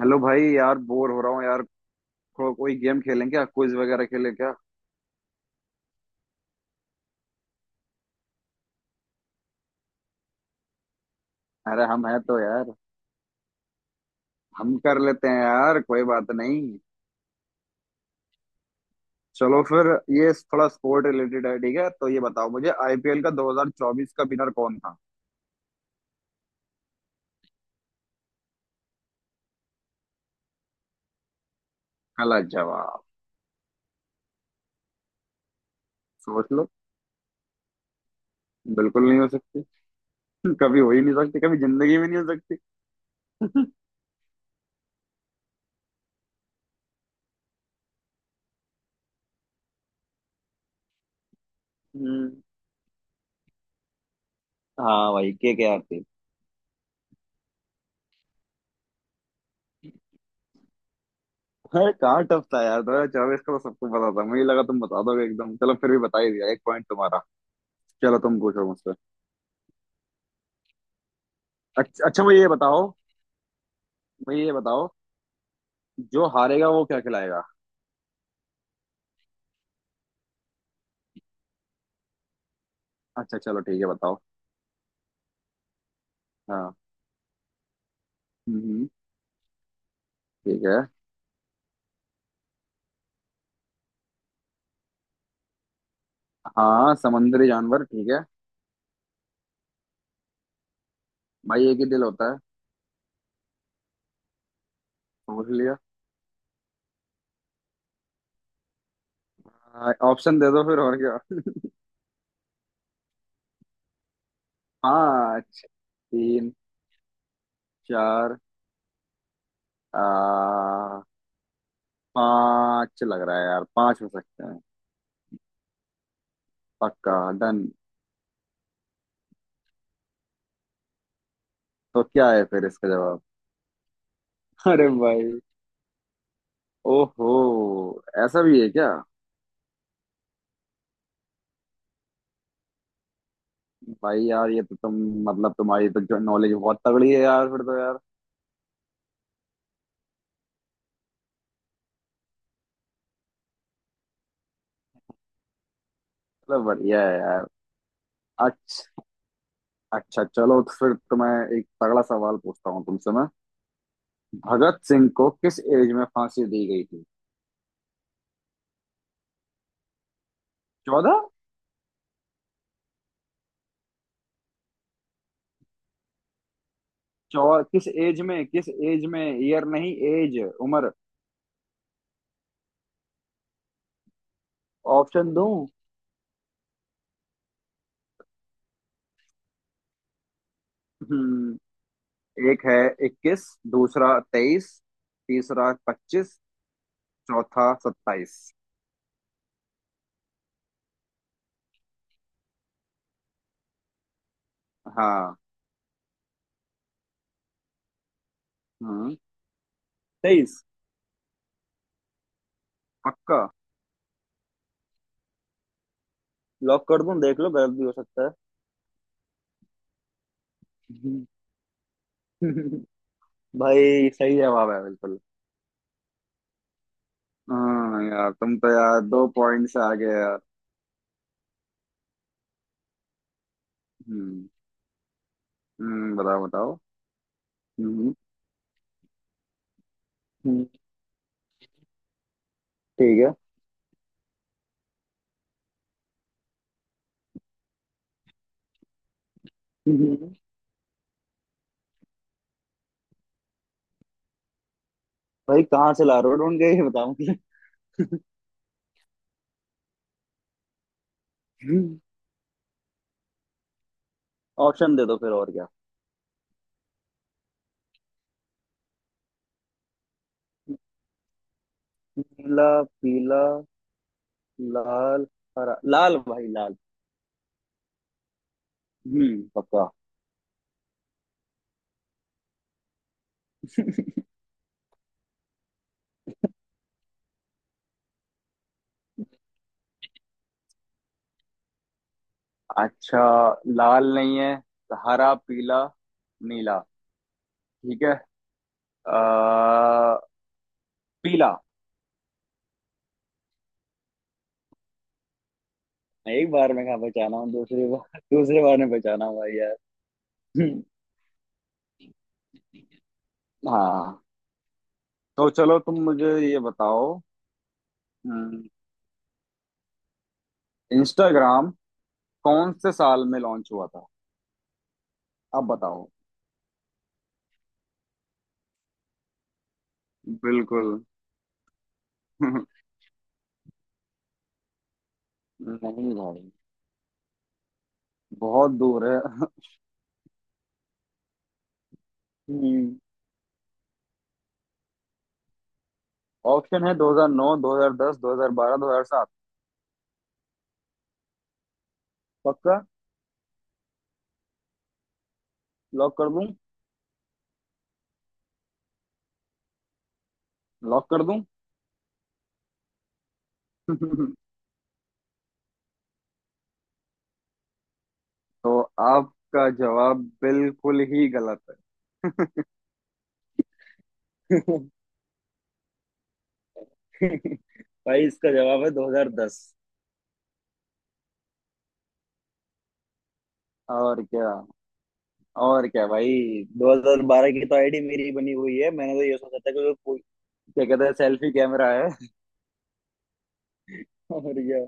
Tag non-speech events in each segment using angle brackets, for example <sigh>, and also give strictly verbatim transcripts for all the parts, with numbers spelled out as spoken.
Hello भाई यार, bore हो रहा हूँ यार। को, कोई गेम खेलें क्या? क्विज वगैरह खेलें क्या? अरे हम हैं तो यार। हम कर लेते हैं यार, कोई बात नहीं। चलो फिर। ये थोड़ा स्पोर्ट रिलेटेड है, ठीक है, तो ये बताओ मुझे, आईपीएल का दो हज़ार चौबीस का विनर कौन था? गलत जवाब। सोच लो। बिल्कुल नहीं हो सकती। <laughs> कभी हो ही नहीं सकती, कभी जिंदगी में नहीं हो सकती। <laughs> हम्म। हाँ भाई, के के आर थी। अरे कहाँ टफ था यार? दो हज़ार चौबीस का तो सबको पता था, मुझे लगा तुम बता दोगे एकदम। चलो, फिर भी बता ही दिया, एक पॉइंट तुम्हारा। चलो तुम पूछो मुझसे। अच्छा अच्छा, मुझे ये बताओ। मुझे ये बताओ, जो हारेगा वो क्या खिलाएगा? अच्छा चलो ठीक है, बताओ। हाँ। हम्म हम्म। ठीक है। हाँ, समुद्री जानवर, ठीक है। भाई एक ही दिल होता है। समझ लिया। आ, ऑप्शन दे दो फिर, और क्या। पाँच। तीन। चार। आ, पाँच लग रहा है यार, पाँच हो सकते हैं। पक्का। डन। तो क्या है फिर इसका जवाब? <laughs> अरे भाई। ओहो। ऐसा भी है क्या? भाई यार ये तो तुम, मतलब तुम्हारी तो नॉलेज बहुत तगड़ी है यार, फिर तो यार। चलो, बढ़िया है यार। अच्छा। अच्छा चलो, तो फिर तो मैं एक तगड़ा सवाल पूछता हूँ तुमसे मैं। भगत सिंह को किस एज में फांसी दी गई थी? चौदह? चौ किस एज में, किस एज में, ईयर नहीं, एज, उम्र। ऑप्शन दूं? हम्म, एक है इक्कीस। दूसरा तेईस। तीसरा पच्चीस। चौथा सत्ताईस। हाँ। हम्म। तेईस। पक्का। लॉक कर दूं, देख लो, गलत भी हो सकता है। <laughs> भाई सही जवाब है बिल्कुल। हाँ यार, तुम तो यार दो पॉइंट से आगे हैं यार। हम्म। हम्म बताओ बताओ। हम्म। हम्म। ठीक है। हम्म। भाई कहाँ से ला रहे हो ढूंढ के, ये बताओ मुझे। <laughs> ऑप्शन दे दो फिर, और क्या। नीला। पीला। लाल। हरा, लाल, भाई लाल। हम्म, पक्का। अच्छा, लाल नहीं है, तो हरा, पीला, नीला। ठीक है। आ, पीला। एक बार में कहाँ पहचाना हूँ? दूसरी बार, दूसरे बार में पहचाना हूँ भाई यार। <laughs> हम्म। हाँ। तो चलो, तुम मुझे ये बताओ, इंस्टाग्राम कौन से साल में लॉन्च हुआ था? अब बताओ। बिल्कुल। <laughs> नहीं। भाई बहुत दूर है। हम्म। ऑप्शन है दो हज़ार नौ, दो हज़ार दस, दो हज़ार बारह, दो हज़ार सात। पक्का? लॉक कर दूं? लॉक कर दूं? <laughs> तो आपका जवाब बिल्कुल ही गलत है। <laughs> भाई इसका जवाब है दो हज़ार दस। और क्या। और क्या भाई। दो हज़ार बारह की तो आईडी मेरी ही बनी हुई है, मैंने तो ये सोचा था कि, क्या कहते हैं, सेल्फी कैमरा है। और क्या।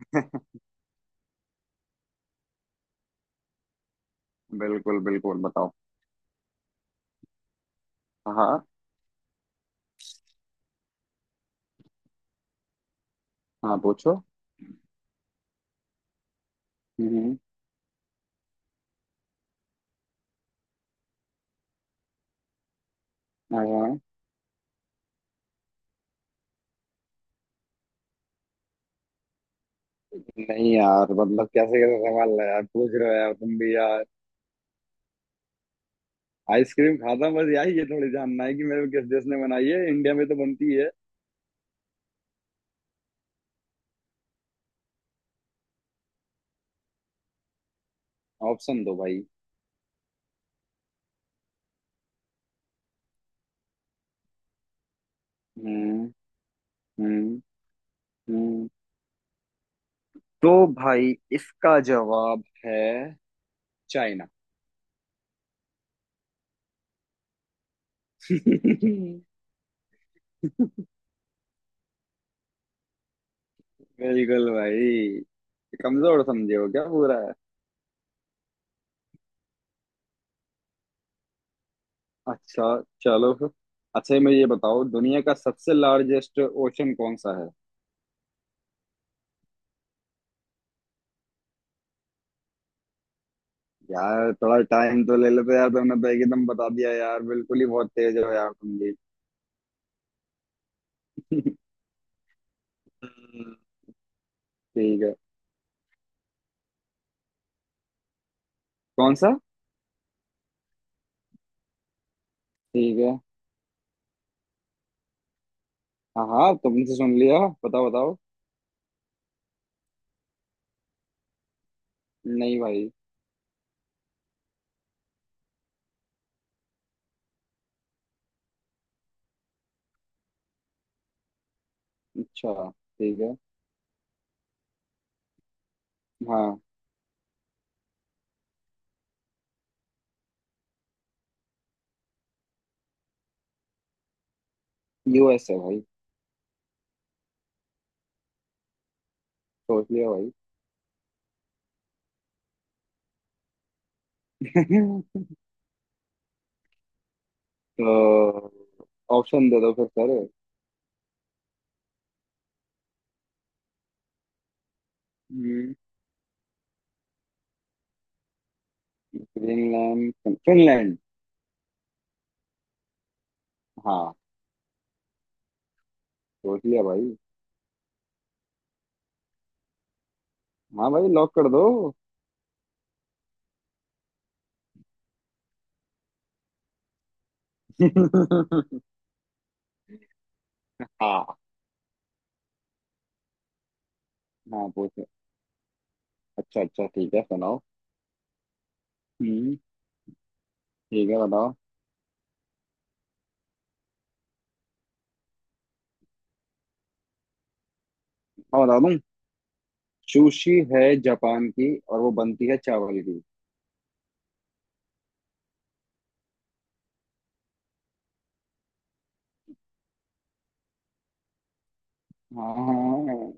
<laughs> बिल्कुल बिल्कुल, बताओ। हाँ। हाँ पूछो। हम्म। हाँ हाँ। नहीं यार, मतलब कैसे कैसे सवाल है यार पूछ रहे हो यार, तुम भी यार। आइसक्रीम खाता हूं, बस यही ये थोड़ी जानना है कि मेरे को किस देश ने बनाई है, इंडिया में तो बनती है। ऑप्शन दो भाई। हम्म। हम्म। हम्म। तो भाई इसका जवाब है चाइना। <laughs> बिल्कुल। भाई कमजोर समझे हो क्या पूरा? अच्छा। चलो फिर। अच्छा, मैं ये बताओ, दुनिया का सबसे लार्जेस्ट ओशन कौन सा है? यार थोड़ा टाइम तो ले लेते यार, तुमने तो एकदम बता दिया यार, बिल्कुल ही बहुत तेज हो यार तुम भी। <laughs> हम्म। ठीक है। कौन सा? ठीक है। हाँ हाँ, तुमसे सुन लिया। बताओ बताओ। नहीं भाई। अच्छा ठीक है। हाँ। यूएस है भाई। सोच लिया भाई। <laughs> तो ऑप्शन दे दो फिर, सर। हम्म। Greenland, Finland. हाँ। सोच लिया भाई। हाँ भाई, लॉक कर दो। <laughs> हाँ। हाँ पूछे। अच्छा अच्छा ठीक है, सुनाओ। हम्म। ठीक है, बताओ। हाँ, बता दूँ। सुशी है जापान की, और वो बनती है चावल की। हाँ हाँ।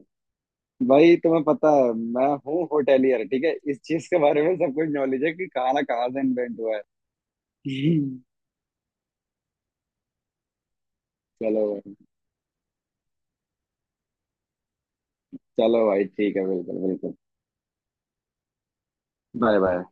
भाई तुम्हें पता है, मैं हूँ होटेलियर, ठीक है, इस चीज के बारे में सब कुछ नॉलेज है कि खाना कहाँ से इन्वेंट हुआ है। <laughs> चलो भाई। चलो भाई ठीक है, बिल्कुल बिल्कुल। Bye bye.